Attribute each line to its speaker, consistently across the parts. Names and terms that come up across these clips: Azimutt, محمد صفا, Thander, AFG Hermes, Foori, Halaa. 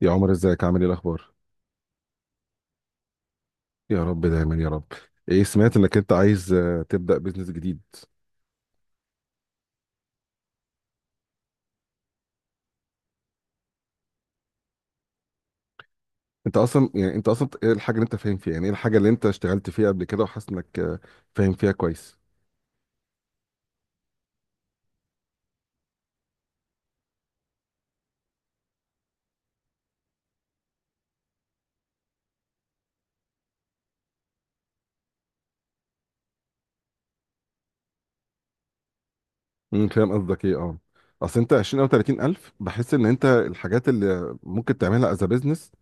Speaker 1: يا عمر، ازيك؟ عامل ايه؟ الاخبار؟ يا رب دايما يا رب. ايه؟ سمعت انك انت عايز تبدا بزنس جديد. انت اصلا ايه الحاجه اللي انت فاهم فيها؟ يعني ايه الحاجه اللي انت اشتغلت فيها قبل كده وحاسس انك فاهم فيها كويس؟ فاهم قصدك ايه، اه. اصل انت 20 او 30 الف، بحس ان انت الحاجات اللي ممكن تعملها از بزنس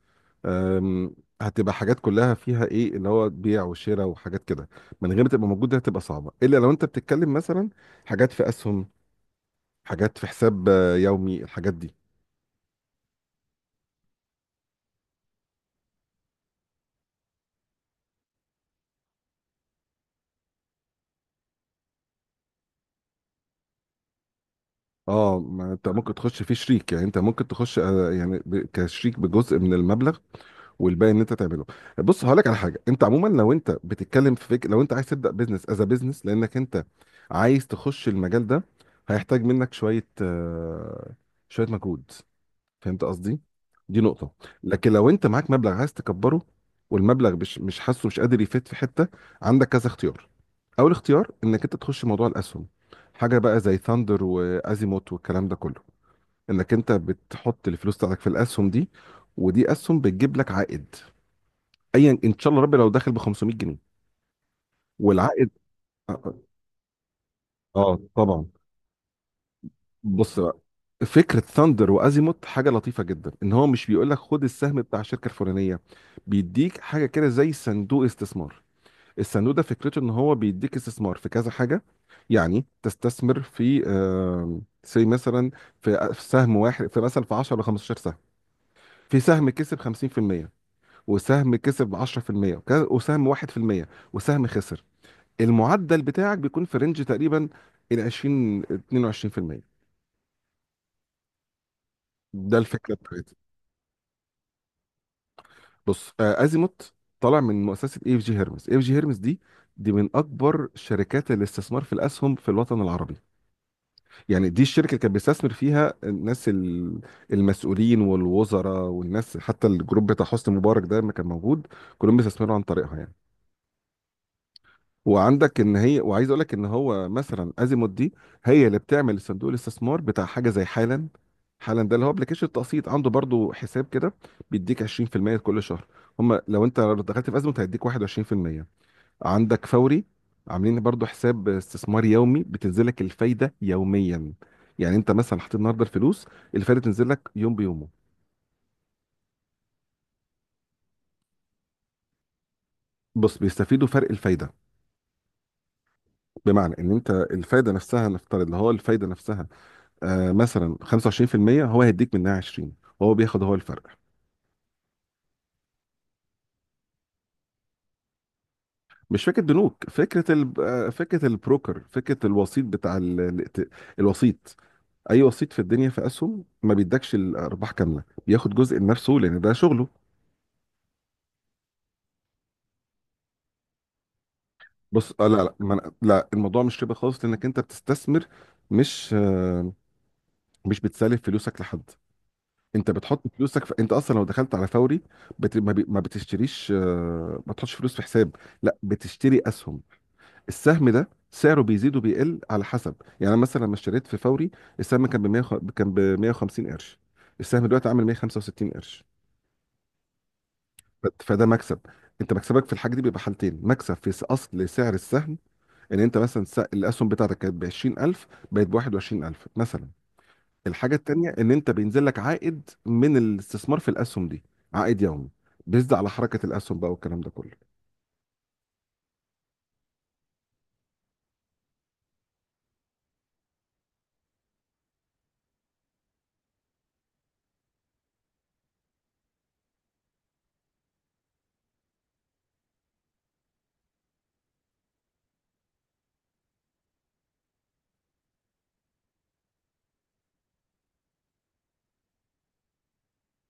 Speaker 1: هتبقى حاجات كلها فيها ايه؟ اللي هو بيع وشراء وحاجات كده. من غير ما تبقى موجوده هتبقى صعبه، الا لو انت بتتكلم مثلا حاجات في اسهم، حاجات في حساب يومي، الحاجات دي. اه، ما انت ممكن تخش فيه شريك، يعني انت ممكن تخش يعني كشريك بجزء من المبلغ والباقي ان انت تعمله. بص، هقول لك على حاجه. انت عموما لو انت بتتكلم في فكره لو انت عايز تبدا بزنس از بزنس لانك انت عايز تخش المجال ده، هيحتاج منك شويه شويه مجهود. فهمت قصدي؟ دي نقطه. لكن لو انت معاك مبلغ عايز تكبره، والمبلغ مش حاسه مش قادر يفيد في حته، عندك كذا اختيار. اول اختيار انك انت تخش موضوع الاسهم، حاجه بقى زي ثاندر وازيموت والكلام ده كله. انك انت بتحط الفلوس بتاعتك في الاسهم دي، ودي اسهم بتجيب لك عائد ايا ان شاء الله ربي. لو داخل ب 500 جنيه، والعائد. اه. طبعا. بص بقى، فكره ثاندر وازيموت حاجه لطيفه جدا. ان هو مش بيقول لك خد السهم بتاع الشركه الفلانيه، بيديك حاجه كده زي صندوق استثمار. الصندوق ده فكرته ان هو بيديك استثمار في كذا حاجه. يعني تستثمر في آه سي مثلا، في في سهم واحد، في مثلا في 10 ل 15 سهم. في سهم كسب 50%، وسهم كسب 10%، وسهم 1%، وسهم خسر. المعدل بتاعك بيكون في رينج تقريبا ال 20 22%. ده الفكره بتاعتي. بص، ازيموت طالع من مؤسسه اي اف جي هيرمز. اي اف جي هيرمز دي من اكبر شركات الاستثمار في الاسهم في الوطن العربي. يعني دي الشركه اللي كانت بيستثمر فيها الناس المسؤولين والوزراء والناس، حتى الجروب بتاع حسني مبارك ده ما كان موجود كلهم بيستثمروا عن طريقها يعني. وعندك ان هي، وعايز اقول لك ان هو مثلا ازيموت دي هي اللي بتعمل صندوق الاستثمار بتاع حاجه زي حالا. حالا ده اللي هو ابلكيشن التقسيط، عنده برضو حساب كده بيديك 20% كل شهر. هم لو انت دخلت في ازيموت هيديك 21%. عندك فوري، عاملين برضو حساب استثمار يومي بتنزل لك الفايده يوميا. يعني انت مثلا حطيت النهارده الفلوس، الفايده تنزل لك يوم بيومه. بص، بيستفيدوا فرق الفايده. بمعنى ان انت الفايده نفسها، نفترض اللي هو الفايده نفسها آه مثلا 25%، هو هيديك منها 20، وهو بياخد هو الفرق. مش فكره بنوك، فكره ال... آه، فكره البروكر، فكره الوسيط بتاع الوسيط. اي وسيط في الدنيا في اسهم ما بيدكش الارباح كامله، بياخد جزء لنفسه لان ده شغله. بص آه، لا لا ما أنا- لا الموضوع مش ربا خالص لانك انت بتستثمر. مش آه مش بتسلف فلوسك لحد. انت بتحط فلوسك في... انت اصلا لو دخلت على فوري، بت... ما, بي... ما بتشتريش آه ما بتحطش فلوس في حساب، لا بتشتري اسهم. السهم ده سعره بيزيد وبيقل على حسب. يعني أنا مثلا لما اشتريت في فوري، السهم كان ب 100 كان ب 150 قرش، السهم دلوقتي عامل 165 قرش. فده مكسب. انت مكسبك في الحاجه دي بيبقى حالتين، مكسب في اصل سعر السهم، ان انت مثلا الاسهم بتاعتك كانت ب 20000، بقت ب 21000 مثلا. الحاجه التانيه ان انت بينزل لك عائد من الاستثمار في الاسهم دي، عائد يومي بيزيد على حركه الاسهم بقى والكلام ده كله.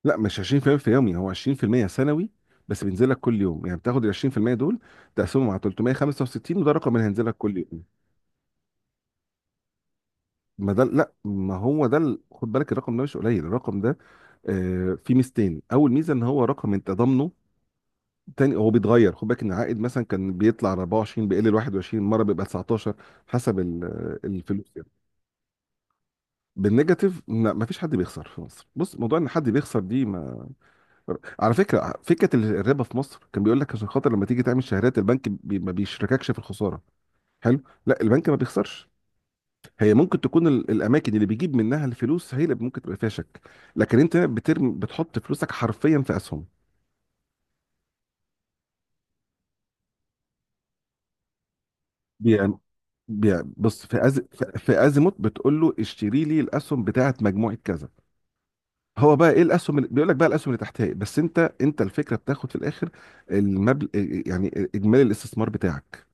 Speaker 1: لا، مش 20% في المية في يومي، هو 20% سنوي، بس بينزل لك كل يوم. يعني بتاخد ال 20% دول، تقسمهم على 365، وده الرقم اللي هينزل لك كل يوم. ما ده، لا، ما هو ده خد بالك الرقم ده مش قليل. الرقم ده فيه ميزتين، اول ميزه ان هو رقم انت ضامنه، تاني هو بيتغير. خد بالك ان العائد مثلا كان بيطلع 24، بيقل ل 21، مره بيبقى 19، حسب الفلوس يعني. بالنيجاتيف؟ لا، ما فيش حد بيخسر في مصر. بص، موضوع ان حد بيخسر دي، ما على فكره فكره الربا في مصر كان بيقول لك عشان خاطر لما تيجي تعمل شهادات البنك بي ما بيشرككش في الخساره. حلو. لا، البنك ما بيخسرش. هي ممكن تكون الاماكن اللي بيجيب منها الفلوس هي اللي ممكن تبقى فيها شك، لكن انت هنا بترمي بتحط فلوسك حرفيا في اسهم. بيع، بيع. بص، في في ازيموت بتقول له اشتري لي الاسهم بتاعت مجموعه كذا. هو بقى ايه الاسهم اللي بيقول لك؟ بقى الاسهم اللي تحتها إيه؟ بس انت الفكره بتاخد في الاخر المبلغ، يعني اجمالي الاستثمار بتاعك.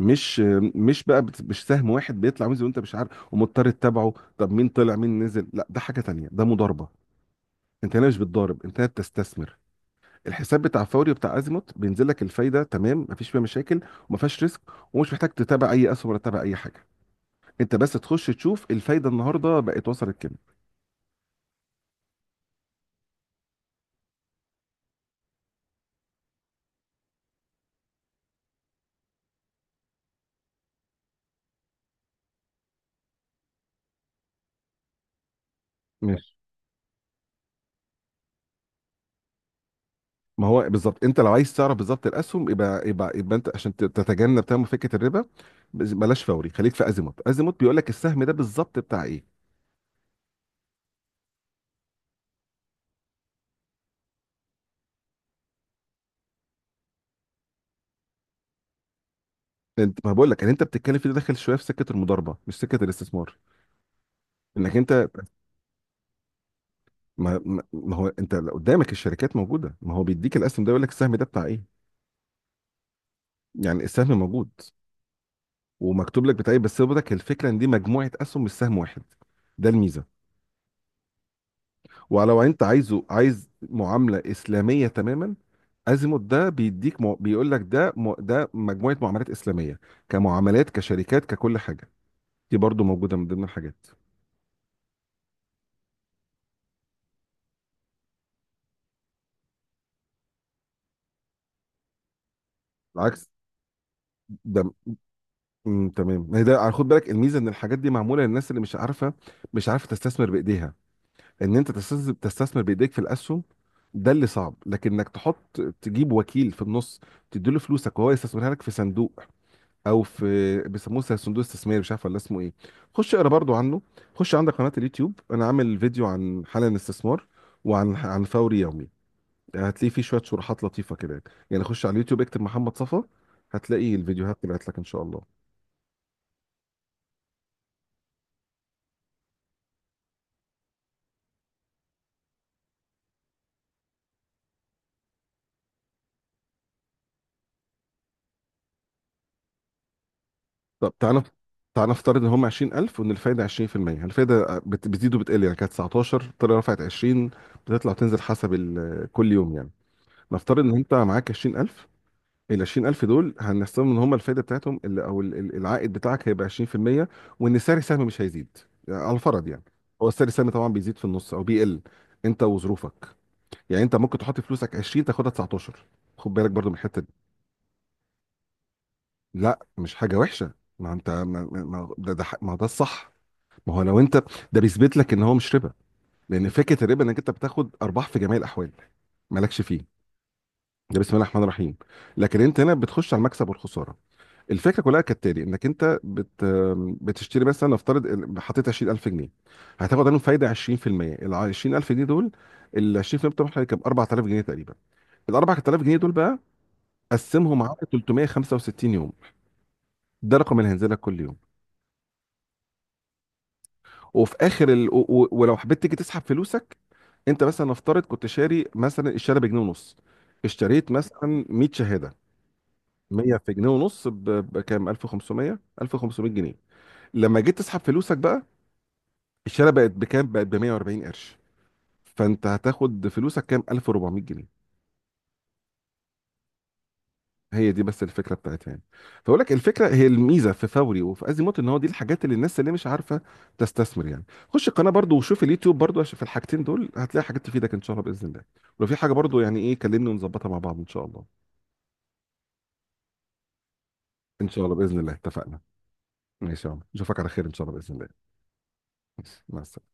Speaker 1: مش مش بقى مش سهم واحد بيطلع وينزل وانت مش عارف ومضطر تتابعه، طب مين طلع مين نزل. لا، ده حاجه تانية، ده مضاربه. انت هنا مش بتضارب، انت هنا بتستثمر. الحساب بتاع فوري وبتاع ازيموت بينزل لك الفايده تمام، مفيش فيها مشاكل، وما فيهاش ريسك، ومش محتاج تتابع اي اسهم ولا تتابع اي حاجه. انت بس تخش تشوف الفايده النهارده بقت وصلت كام. ماشي. ما هو بالظبط انت لو عايز تعرف بالظبط الاسهم، يبقى يبقى انت عشان تتجنب تمام فكره الربا، بلاش فوري، خليك في ازيموت. ازيموت بيقول لك السهم ده بالظبط بتاع ايه. انت، ما بقول لك ان انت بتتكلم في ده، داخل شويه في سكه المضاربه مش سكه الاستثمار، انك انت ما هو انت قدامك الشركات موجوده، ما هو بيديك الاسهم ده، يقول لك السهم ده بتاع ايه. يعني السهم موجود ومكتوب لك بتاع ايه. بس برضك الفكره ان دي مجموعه اسهم مش سهم واحد، ده الميزه. ولو انت عايز معامله اسلاميه تماما، ازيموت ده بيديك بيقول لك ده ده مجموعه معاملات اسلاميه كمعاملات كشركات ككل حاجه، دي برضو موجوده من ضمن الحاجات. العكس. ده تمام، هي ده على، خد بالك الميزه ان الحاجات دي معموله للناس اللي مش عارفه تستثمر بايديها. ان انت تستثمر بايديك في الاسهم، ده اللي صعب. لكن انك تحط تجيب وكيل في النص، تديله فلوسك وهو يستثمرها لك في صندوق، او في، بيسموه صندوق استثماري مش عارف ولا اسمه ايه. خش اقرا برضو عنه. خش، عندك قناه اليوتيوب انا عامل فيديو عن حالا استثمار، وعن فوري يومي. هتلاقي فيه شويه شروحات لطيفه كده. يعني خش على اليوتيوب اكتب محمد صفا، هتلاقي الفيديوهات طلعت لك ان شاء الله. طب تعالى، تعالى نفترض ان هم 20000، وان الفايده 20%. الفايده بتزيد وبتقل، يعني كانت 19 طلع رفعت 20، بتطلع تنزل حسب كل يوم يعني. نفترض ان انت معاك 20000، ال 20000 دول هنحسبهم ان هم الفايده بتاعتهم العائد بتاعك هيبقى 20%، وان سعر السهم مش هيزيد، يعني على الفرض يعني. هو سعر السهم طبعا بيزيد في النص او بيقل، انت وظروفك. يعني انت ممكن تحط فلوسك 20 تاخدها 19، خد بالك برضو من الحته دي. لا، مش حاجه وحشه. ما انت، ده الصح. ما هو لو انت، ده بيثبت لك ان هو مش ربا، لان فكره الربا انك انت بتاخد ارباح في جميع الاحوال مالكش فيه، ده بسم الله الرحمن الرحيم. لكن انت هنا بتخش على المكسب والخساره. الفكره كلها كالتالي، انك انت بتشتري مثلا، نفترض حطيت 20000 جنيه، هتاخد عنهم فايده 20%. ال 20000 جنيه دول، ال 20% بتوعهم هيبقى 4000 جنيه تقريبا. ال 4000 جنيه دول بقى، قسمهم على 365 يوم، ده رقم اللي هينزل لك كل يوم. وفي اخر ولو حبيت تيجي تسحب فلوسك، انت مثلا نفترض كنت شاري مثلا الشهاده بجنيه ونص، اشتريت مثلا 100 شهاده. 100 في جنيه ونص بكام؟ 1500 جنيه. لما جيت تسحب فلوسك بقى، الشهاده بقت بكام؟ بقت ب 140 قرش، فانت هتاخد فلوسك كام؟ 1400 جنيه. هي دي بس الفكره بتاعتها يعني. فبقول لك الفكره هي الميزه في فوري وفي ازيموت، ان هو دي الحاجات اللي الناس اللي مش عارفه تستثمر يعني. خش القناه برضو وشوف اليوتيوب برضو، عشان في الحاجتين دول هتلاقي حاجات تفيدك ان شاء الله باذن الله. ولو في حاجه برضو يعني ايه، كلمني ونظبطها مع بعض ان شاء الله. ان شاء الله باذن الله، اتفقنا. ماشي يا عمر، نشوفك على خير ان شاء الله باذن الله. ماشي. مع السلامه.